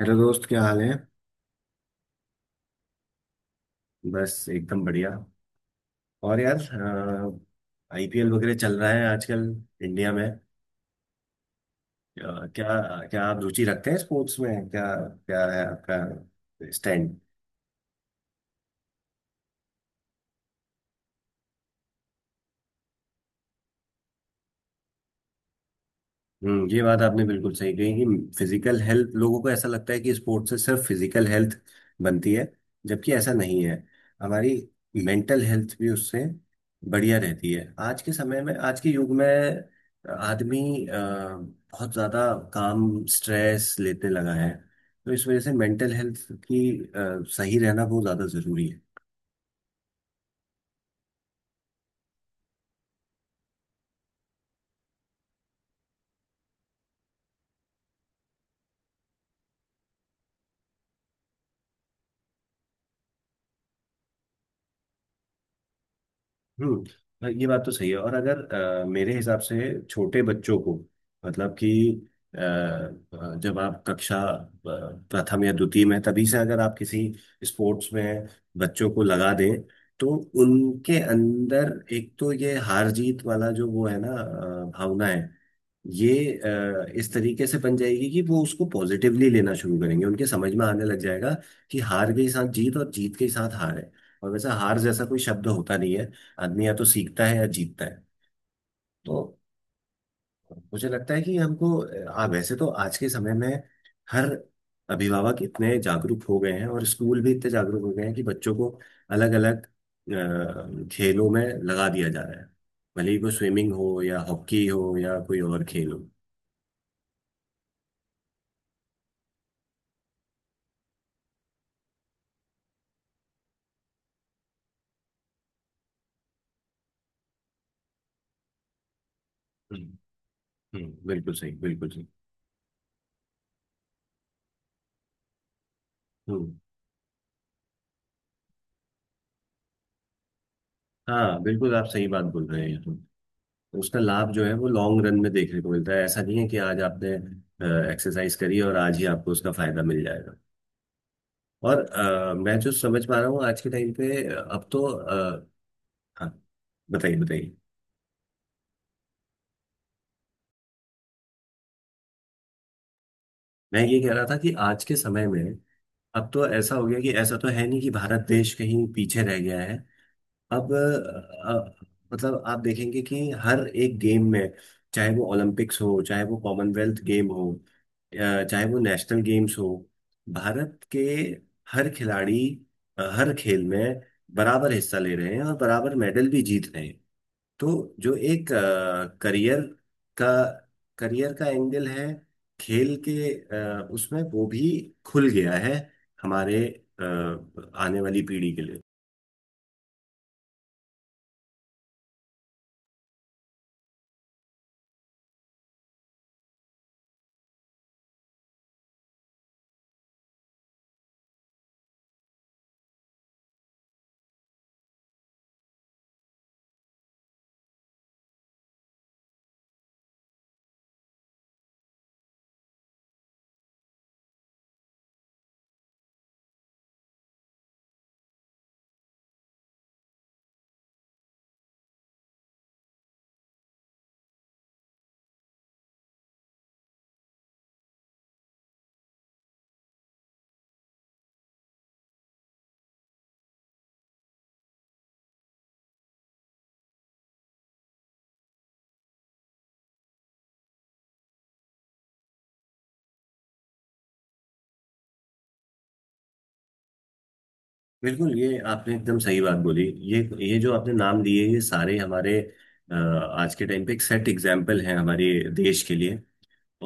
Hello दोस्त, क्या हाल है। बस एकदम बढ़िया। और यार, आईपीएल वगैरह चल रहा है आजकल इंडिया में। क्या, क्या आप रुचि रखते हैं स्पोर्ट्स में? क्या क्या है आपका स्टैंड? हम्म, ये बात आपने बिल्कुल सही कही कि फिजिकल हेल्थ, लोगों को ऐसा लगता है कि स्पोर्ट्स से सिर्फ फिजिकल हेल्थ बनती है, जबकि ऐसा नहीं है। हमारी मेंटल हेल्थ भी उससे बढ़िया रहती है। आज के समय में, आज के युग में आदमी बहुत ज्यादा काम स्ट्रेस लेने लगा है, तो इस वजह से मेंटल हेल्थ की सही रहना बहुत ज्यादा जरूरी है। हम्म। हाँ, ये बात तो सही है। और अगर मेरे हिसाब से छोटे बच्चों को, मतलब कि जब आप कक्षा प्रथम या द्वितीय में तभी से अगर आप किसी स्पोर्ट्स में बच्चों को लगा दें, तो उनके अंदर एक तो ये हार जीत वाला जो वो है ना, भावना है, ये इस तरीके से बन जाएगी कि वो उसको पॉजिटिवली लेना शुरू करेंगे, उनके समझ में आने लग जाएगा कि हार के साथ जीत और जीत के साथ हार है। और वैसा हार जैसा कोई शब्द होता नहीं है। आदमी या तो सीखता है या जीतता है। तो मुझे लगता है कि हमको वैसे तो आज के समय में हर अभिभावक इतने जागरूक हो गए हैं और स्कूल भी इतने जागरूक हो गए हैं कि बच्चों को अलग अलग खेलों में लगा दिया जा रहा है, भले ही वो स्विमिंग हो या हॉकी हो या कोई और खेल हो। हम्म। बिल्कुल सही, बिल्कुल सही। हम्म। हाँ, बिल्कुल आप सही बात बोल रहे हैं। तो उसका लाभ जो है वो लॉन्ग रन में देखने को मिलता है। ऐसा नहीं है कि आज आपने एक्सरसाइज करी और आज ही आपको उसका फायदा मिल जाएगा। और मैं जो समझ पा रहा हूँ आज के टाइम पे, अब तो हाँ, बताइए बताइए। मैं ये कह रहा था कि आज के समय में अब तो ऐसा हो गया कि ऐसा तो है नहीं कि भारत देश कहीं पीछे रह गया है। अब मतलब आप देखेंगे कि हर एक गेम में, चाहे वो ओलंपिक्स हो, चाहे वो कॉमनवेल्थ गेम हो, अ, चाहे वो नेशनल गेम्स हो, भारत के हर खिलाड़ी हर खेल में बराबर हिस्सा ले रहे हैं और बराबर मेडल भी जीत रहे हैं। तो जो एक करियर का, करियर का एंगल है खेल के, उसमें वो भी खुल गया है हमारे अ, आने वाली पीढ़ी के लिए। बिल्कुल, ये आपने एकदम सही बात बोली। ये ये जो आपने नाम लिए ये सारे हमारे आज के टाइम पे एक सेट एग्जाम्पल हैं हमारे देश के लिए।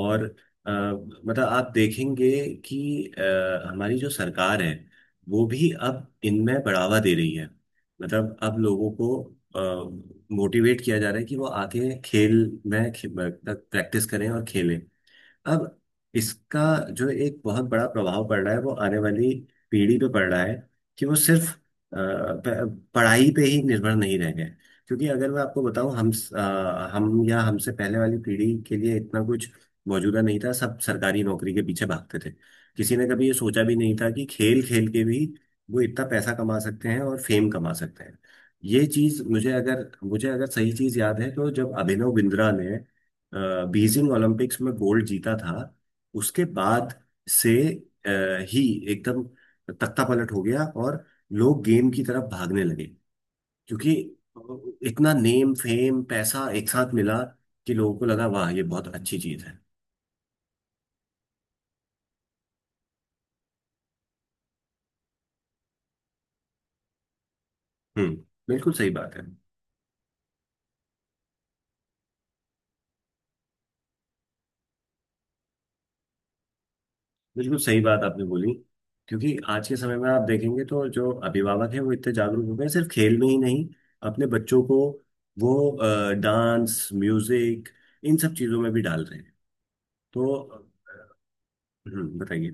और अ, मतलब आप देखेंगे कि हमारी जो सरकार है वो भी अब इनमें बढ़ावा दे रही है। मतलब अब लोगों को मोटिवेट किया जा रहा है कि वो आके खेल में तक प्रैक्टिस करें और खेलें। अब इसका जो एक बहुत बड़ा प्रभाव पड़ रहा है वो आने वाली पीढ़ी पे पड़ रहा है कि वो सिर्फ पढ़ाई पे ही निर्भर नहीं रह गए। क्योंकि अगर मैं आपको बताऊं, हम या हमसे पहले वाली पीढ़ी के लिए इतना कुछ मौजूदा नहीं था। सब सरकारी नौकरी के पीछे भागते थे। किसी ने कभी ये सोचा भी नहीं था कि खेल खेल के भी वो इतना पैसा कमा सकते हैं और फेम कमा सकते हैं। ये चीज, मुझे अगर सही चीज याद है, तो जब अभिनव बिंद्रा ने बीजिंग ओलंपिक्स में गोल्ड जीता था, उसके बाद से अ, ही एकदम तख्ता पलट हो गया और लोग गेम की तरफ भागने लगे। क्योंकि इतना नेम फेम पैसा एक साथ मिला कि लोगों को लगा, वाह, ये बहुत अच्छी चीज है। हम्म, बिल्कुल सही बात है। बिल्कुल सही बात आपने बोली। क्योंकि आज के समय में आप देखेंगे तो जो अभिभावक हैं वो इतने जागरूक हो गए हैं, सिर्फ खेल में ही नहीं, अपने बच्चों को वो डांस, म्यूजिक, इन सब चीजों में भी डाल रहे हैं। तो बताइए।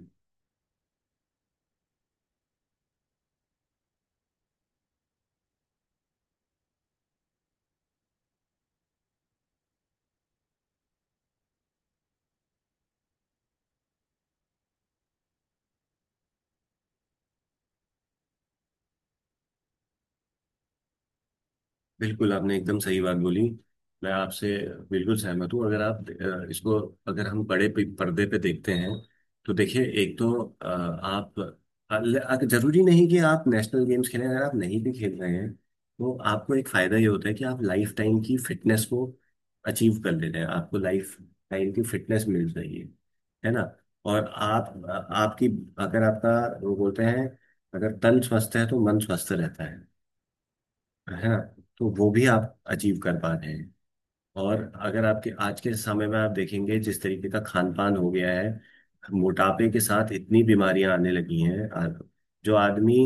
बिल्कुल, आपने एकदम सही बात बोली। मैं आपसे बिल्कुल सहमत हूँ। अगर आप इसको, अगर हम पर्दे पे देखते हैं, तो देखिए, एक तो आप जरूरी नहीं कि आप नेशनल गेम्स खेलें, अगर आप नहीं भी खेल रहे हैं तो आपको एक फायदा ये होता है कि आप लाइफ टाइम की फिटनेस को अचीव कर ले रहे हैं। आपको लाइफ टाइम की फिटनेस मिल रही है ना। और आपकी, अगर आपका, वो बोलते हैं, अगर तन स्वस्थ है तो मन स्वस्थ रहता है ना। तो वो भी आप अचीव कर पा रहे हैं। और अगर आपके, आज के समय में आप देखेंगे जिस तरीके का खान पान हो गया है, मोटापे के साथ इतनी बीमारियां आने लगी हैं। जो आदमी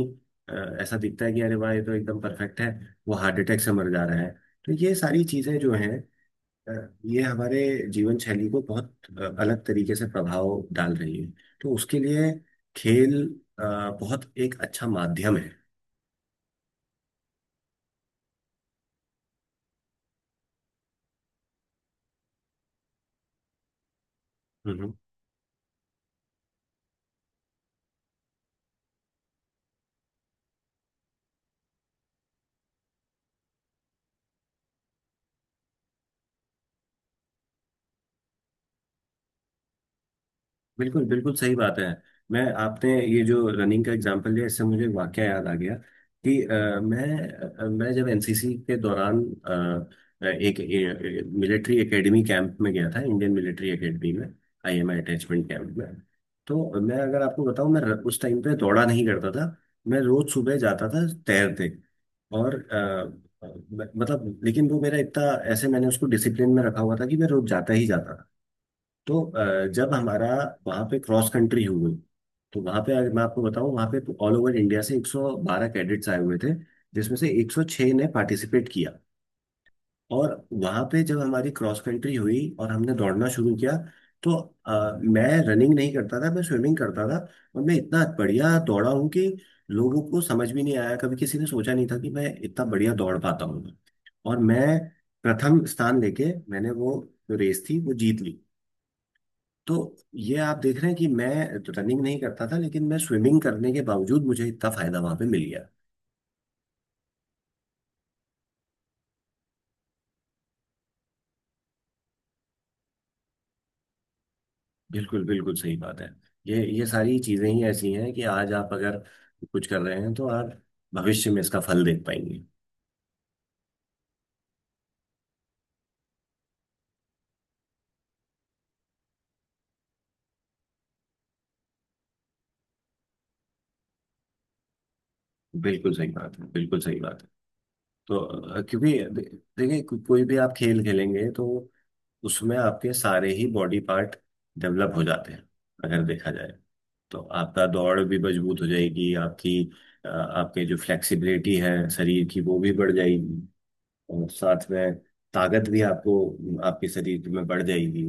अ, ऐसा दिखता है कि अरे वाह, ये तो एकदम परफेक्ट है, वो हार्ट अटैक से मर जा रहा है। तो ये सारी चीजें जो हैं अ, ये हमारे जीवन शैली को बहुत अलग तरीके से प्रभाव डाल रही है। तो उसके लिए खेल अ, बहुत एक अच्छा माध्यम है। बिल्कुल, बिल्कुल सही बात है। मैं, आपने ये जो रनिंग का एग्जांपल दिया, इससे मुझे वाकया याद आ गया कि मैं जब एनसीसी के दौरान एक मिलिट्री एकेडमी कैंप में गया था, इंडियन मिलिट्री एकेडमी में, आईएमए अटैचमेंट कैंप में। तो मैं अगर आपको बताऊं, मैं उस टाइम पे दौड़ा नहीं करता था। मैं रोज सुबह जाता था तैरते। और अ, मतलब, लेकिन वो मेरा इतना, ऐसे मैंने उसको डिसिप्लिन में रखा हुआ था कि मैं रोज जाता ही जाता था। तो जब हमारा वहाँ पे क्रॉस कंट्री हुई, तो वहाँ पे अगर मैं आपको बताऊँ, वहाँ पे ऑल ओवर इंडिया से 112 कैडेट्स आए हुए थे, जिसमें से 106 ने पार्टिसिपेट किया। और वहाँ पे जब हमारी क्रॉस कंट्री हुई और हमने दौड़ना शुरू किया, तो मैं रनिंग नहीं करता था, मैं स्विमिंग करता था। और मैं इतना बढ़िया दौड़ा हूँ कि लोगों को समझ भी नहीं आया। कभी किसी ने सोचा नहीं था कि मैं इतना बढ़िया दौड़ पाता हूँ। और मैं प्रथम स्थान लेके मैंने वो जो रेस थी वो जीत ली। तो ये आप देख रहे हैं कि मैं तो रनिंग नहीं करता था, लेकिन मैं स्विमिंग करने के बावजूद मुझे इतना फायदा वहां पे मिल गया। बिल्कुल, बिल्कुल सही बात है। ये सारी चीजें ही ऐसी हैं कि आज आप अगर कुछ कर रहे हैं तो आप भविष्य में इसका फल देख पाएंगे। बिल्कुल सही बात है, बिल्कुल सही बात है। तो क्योंकि देखिए, कोई भी आप खेल खेलेंगे तो उसमें आपके सारे ही बॉडी पार्ट डेवलप हो जाते हैं, अगर देखा जाए। तो आपका दौड़ भी मजबूत हो जाएगी, आपकी आपके जो फ्लेक्सिबिलिटी है शरीर की वो भी बढ़ जाएगी। और साथ में ताकत भी आपको, आपके शरीर में बढ़ जाएगी।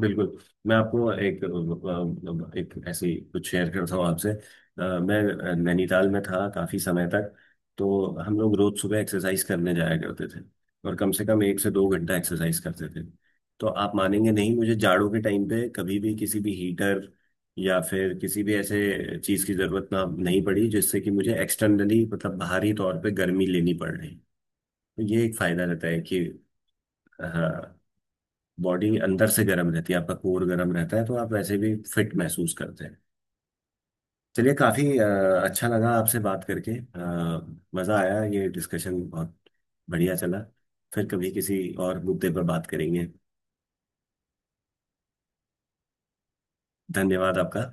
बिल्कुल। मैं आपको एक एक ऐसी कुछ शेयर करता हूँ आपसे। मैं नैनीताल में था काफी समय तक। तो हम लोग रोज सुबह एक्सरसाइज करने जाया करते थे और कम से कम एक से दो घंटा एक्सरसाइज करते थे। तो आप मानेंगे नहीं, मुझे जाड़ों के टाइम पे कभी भी किसी भी हीटर या फिर किसी भी ऐसे चीज की जरूरत नहीं पड़ी, जिससे कि मुझे एक्सटर्नली, मतलब बाहरी तौर पे गर्मी लेनी पड़ रही। तो ये एक फायदा रहता है कि हाँ, बॉडी अंदर से गर्म रहती है, आपका कोर गर्म रहता है, तो आप वैसे भी फिट महसूस करते हैं। चलिए, काफी अच्छा लगा आपसे बात करके, मजा आया, ये डिस्कशन बहुत बढ़िया चला। फिर कभी किसी और मुद्दे पर बात करेंगे। धन्यवाद आपका।